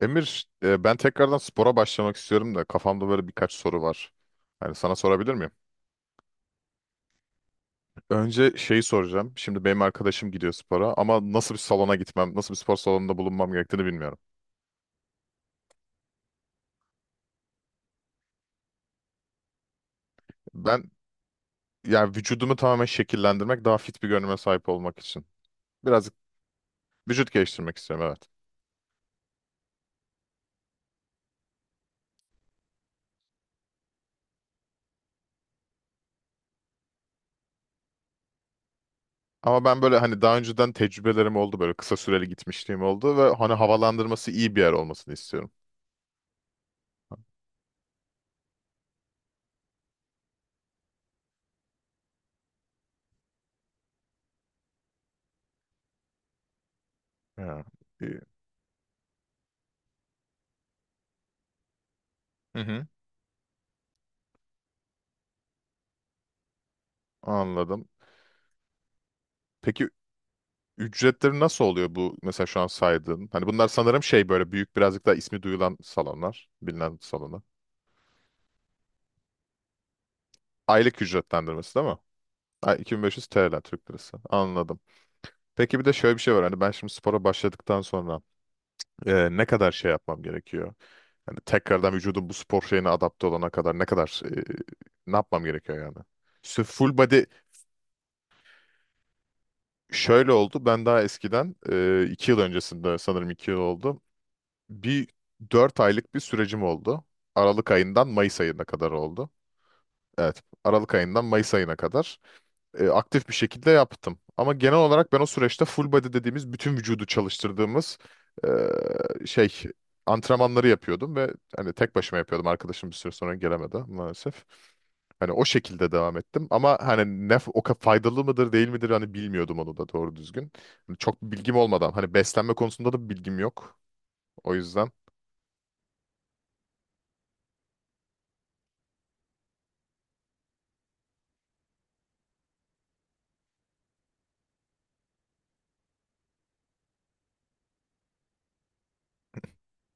Emir, ben tekrardan spora başlamak istiyorum da kafamda böyle birkaç soru var. Yani sana sorabilir miyim? Önce şeyi soracağım. Şimdi benim arkadaşım gidiyor spora ama nasıl bir salona gitmem, nasıl bir spor salonunda bulunmam gerektiğini bilmiyorum. Ben, yani vücudumu tamamen şekillendirmek, daha fit bir görünüme sahip olmak için. Biraz vücut geliştirmek istiyorum, evet. Ama ben böyle, hani, daha önceden tecrübelerim oldu, böyle kısa süreli gitmişliğim oldu ve hani havalandırması iyi bir yer olmasını istiyorum. Ya, iyi. Hı hı. Anladım. Peki, ücretleri nasıl oluyor bu mesela şu an saydığın? Hani bunlar sanırım şey, böyle büyük, birazcık daha ismi duyulan salonlar, bilinen salonlar. Aylık ücretlendirmesi değil mi? Ay, 2500 TL, Türk lirası. Anladım. Peki, bir de şöyle bir şey var. Hani, ben şimdi spora başladıktan sonra ne kadar şey yapmam gerekiyor? Hani tekrardan vücudum bu spor şeyine adapte olana kadar ne kadar, ne yapmam gerekiyor yani? İşte full body. Şöyle oldu: ben daha eskiden, 2 yıl öncesinde, sanırım 2 yıl oldu. Bir 4 aylık bir sürecim oldu. Aralık ayından Mayıs ayına kadar oldu. Evet, Aralık ayından Mayıs ayına kadar aktif bir şekilde yaptım. Ama genel olarak ben o süreçte, full body dediğimiz, bütün vücudu çalıştırdığımız e, şey antrenmanları yapıyordum ve hani tek başıma yapıyordum. Arkadaşım bir süre sonra gelemedi maalesef. Hani o şekilde devam ettim ama hani faydalı mıdır değil midir, hani, bilmiyordum onu da doğru düzgün. Hani çok bilgim olmadan, hani beslenme konusunda da bilgim yok. O yüzden.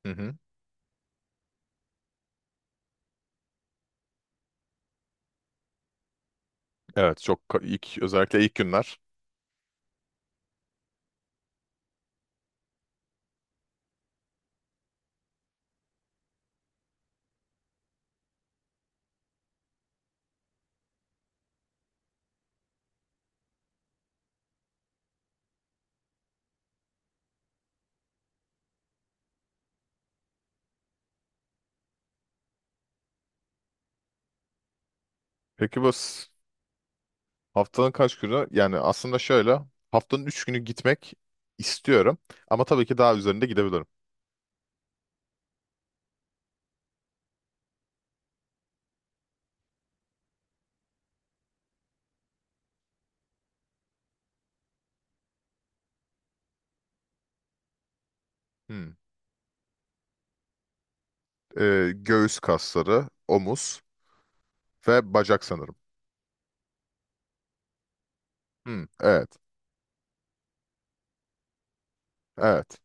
Hı hı. Evet, ilk, özellikle ilk günler. Peki, bu haftanın kaç günü? Yani aslında şöyle, haftanın 3 günü gitmek istiyorum ama tabii ki daha üzerinde gidebilirim. Hmm. Göğüs kasları, omuz ve bacak sanırım. Hmm. Evet. Evet.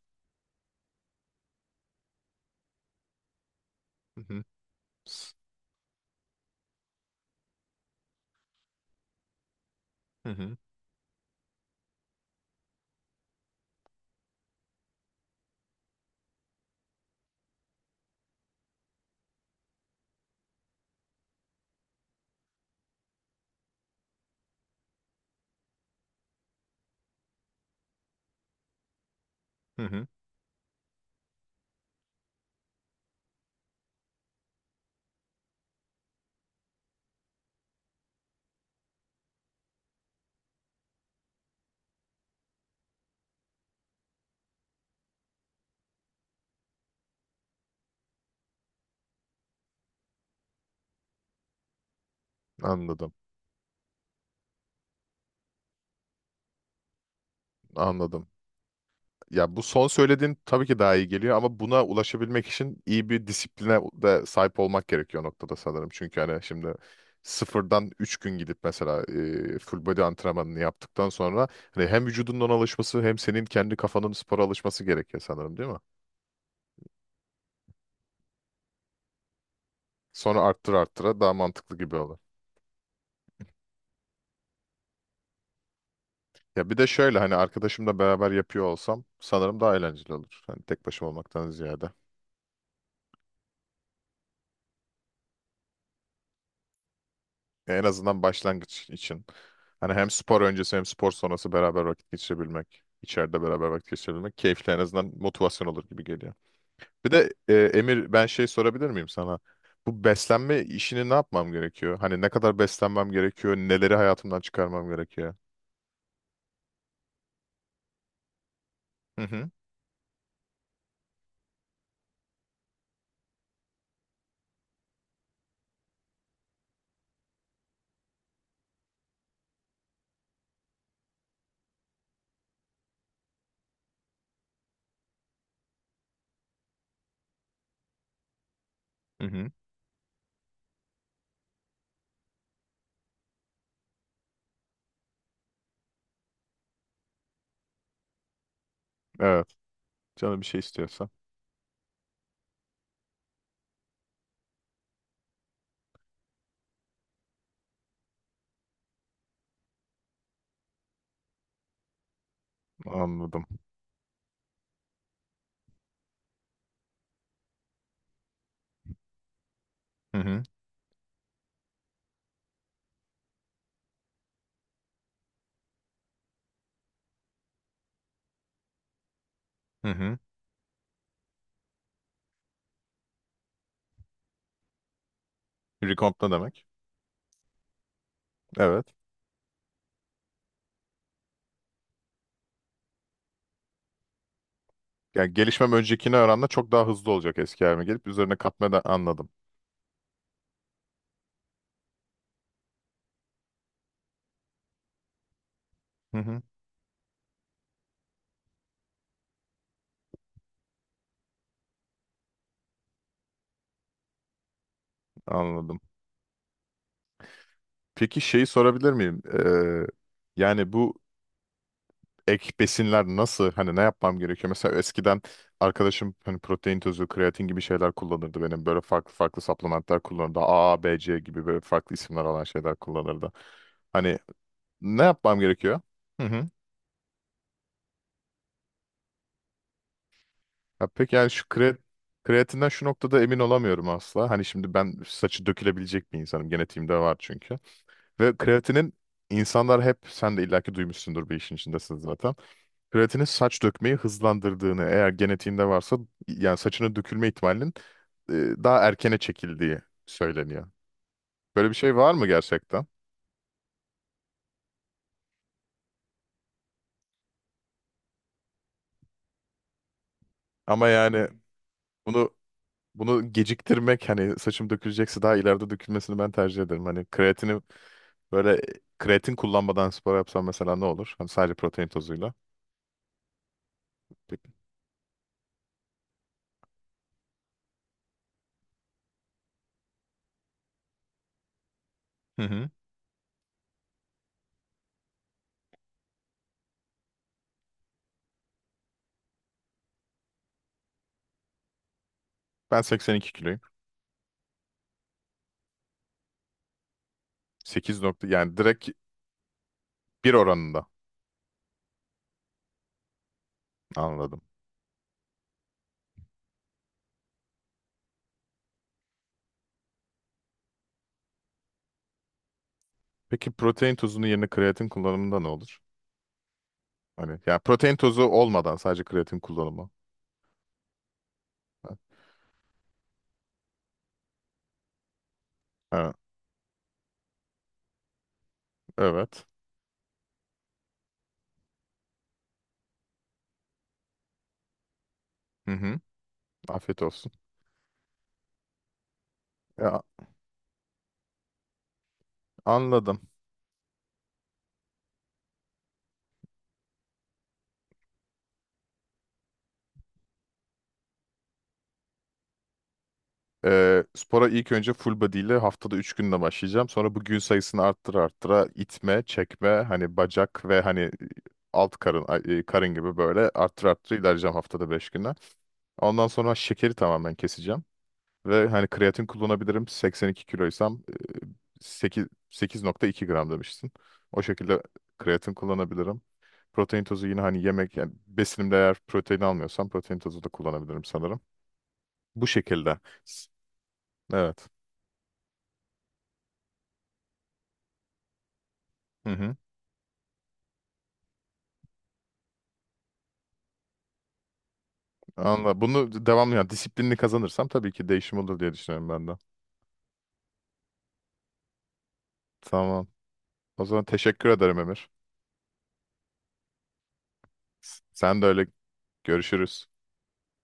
Hı hı. S- Hı hı. Hı hı. Anladım. Anladım. Ya, bu son söylediğin tabii ki daha iyi geliyor ama buna ulaşabilmek için iyi bir disipline de sahip olmak gerekiyor o noktada sanırım. Çünkü, hani, şimdi sıfırdan 3 gün gidip mesela full body antrenmanını yaptıktan sonra hani hem vücudunun ona alışması, hem senin kendi kafanın spora alışması gerekiyor sanırım, değil mi? Sonra arttıra daha mantıklı gibi olur. Ya, bir de şöyle, hani, arkadaşımla beraber yapıyor olsam sanırım daha eğlenceli olur. Hani tek başıma olmaktan ziyade. En azından başlangıç için. Hani hem spor öncesi, hem spor sonrası beraber vakit geçirebilmek, içeride beraber vakit geçirebilmek keyifli, en azından motivasyon olur gibi geliyor. Bir de Emir, ben şey sorabilir miyim sana? Bu beslenme işini ne yapmam gerekiyor? Hani ne kadar beslenmem gerekiyor? Neleri hayatımdan çıkarmam gerekiyor? Hı hı. Hı hı. Evet. Canı bir şey istiyorsa. Anladım. Hı hı. Hı hı. Recomp ne demek? Evet. Yani gelişmem öncekine oranla çok daha hızlı olacak, eski halime gelip üzerine katma da, anladım. Hı hı. Anladım. Peki, şeyi sorabilir miyim? Yani bu ek besinler nasıl? Hani ne yapmam gerekiyor? Mesela eskiden arkadaşım, hani, protein tozu, kreatin gibi şeyler kullanırdı benim. Böyle farklı farklı supplementler kullanırdı. A, B, C gibi böyle farklı isimler alan şeyler kullanırdı. Hani ne yapmam gerekiyor? Hı hı. Ya peki, yani şu kreatinden şu noktada emin olamıyorum asla. Hani şimdi ben saçı dökülebilecek bir insanım. Genetiğimde var çünkü. Ve kreatinin, insanlar hep, sen de illaki duymuşsundur, bir işin içindesin zaten. Kreatinin saç dökmeyi hızlandırdığını, eğer genetiğinde varsa, yani saçının dökülme ihtimalinin e, daha erkene çekildiği söyleniyor. Böyle bir şey var mı gerçekten? Ama yani, bunu bunu geciktirmek, hani saçım dökülecekse daha ileride dökülmesini ben tercih ederim. Hani böyle kreatin kullanmadan spor yapsam mesela ne olur? Hani sadece protein tozuyla. Peki. Hı hı. Ben 82 kiloyum. 8 nokta, yani direkt bir oranında, anladım. Peki, protein tozunun yerine kreatin kullanımında ne olur? Hani yani, protein tozu olmadan sadece kreatin kullanımı. Ha, ha, evet. Hı hı. Afiyet olsun. Ya, anladım. Spora ilk önce full body ile haftada 3 günde başlayacağım. Sonra bu gün sayısını arttıra arttıra, itme, çekme, hani bacak ve hani alt karın, karın gibi, böyle arttıra arttıra ilerleyeceğim haftada 5 güne. Ondan sonra şekeri tamamen keseceğim. Ve hani kreatin kullanabilirim. 82 kiloysam 8, 8,2 gram demiştin. O şekilde kreatin kullanabilirim. Protein tozu yine, hani yemek, yani besinimde eğer protein almıyorsam protein tozu da kullanabilirim sanırım. Bu şekilde. S- Evet. Hı hı. Anla. Bunu devamlı, yani disiplinli kazanırsam tabii ki değişim olur diye düşünüyorum ben de. Tamam. O zaman teşekkür ederim, Emir. Sen de öyle, görüşürüz.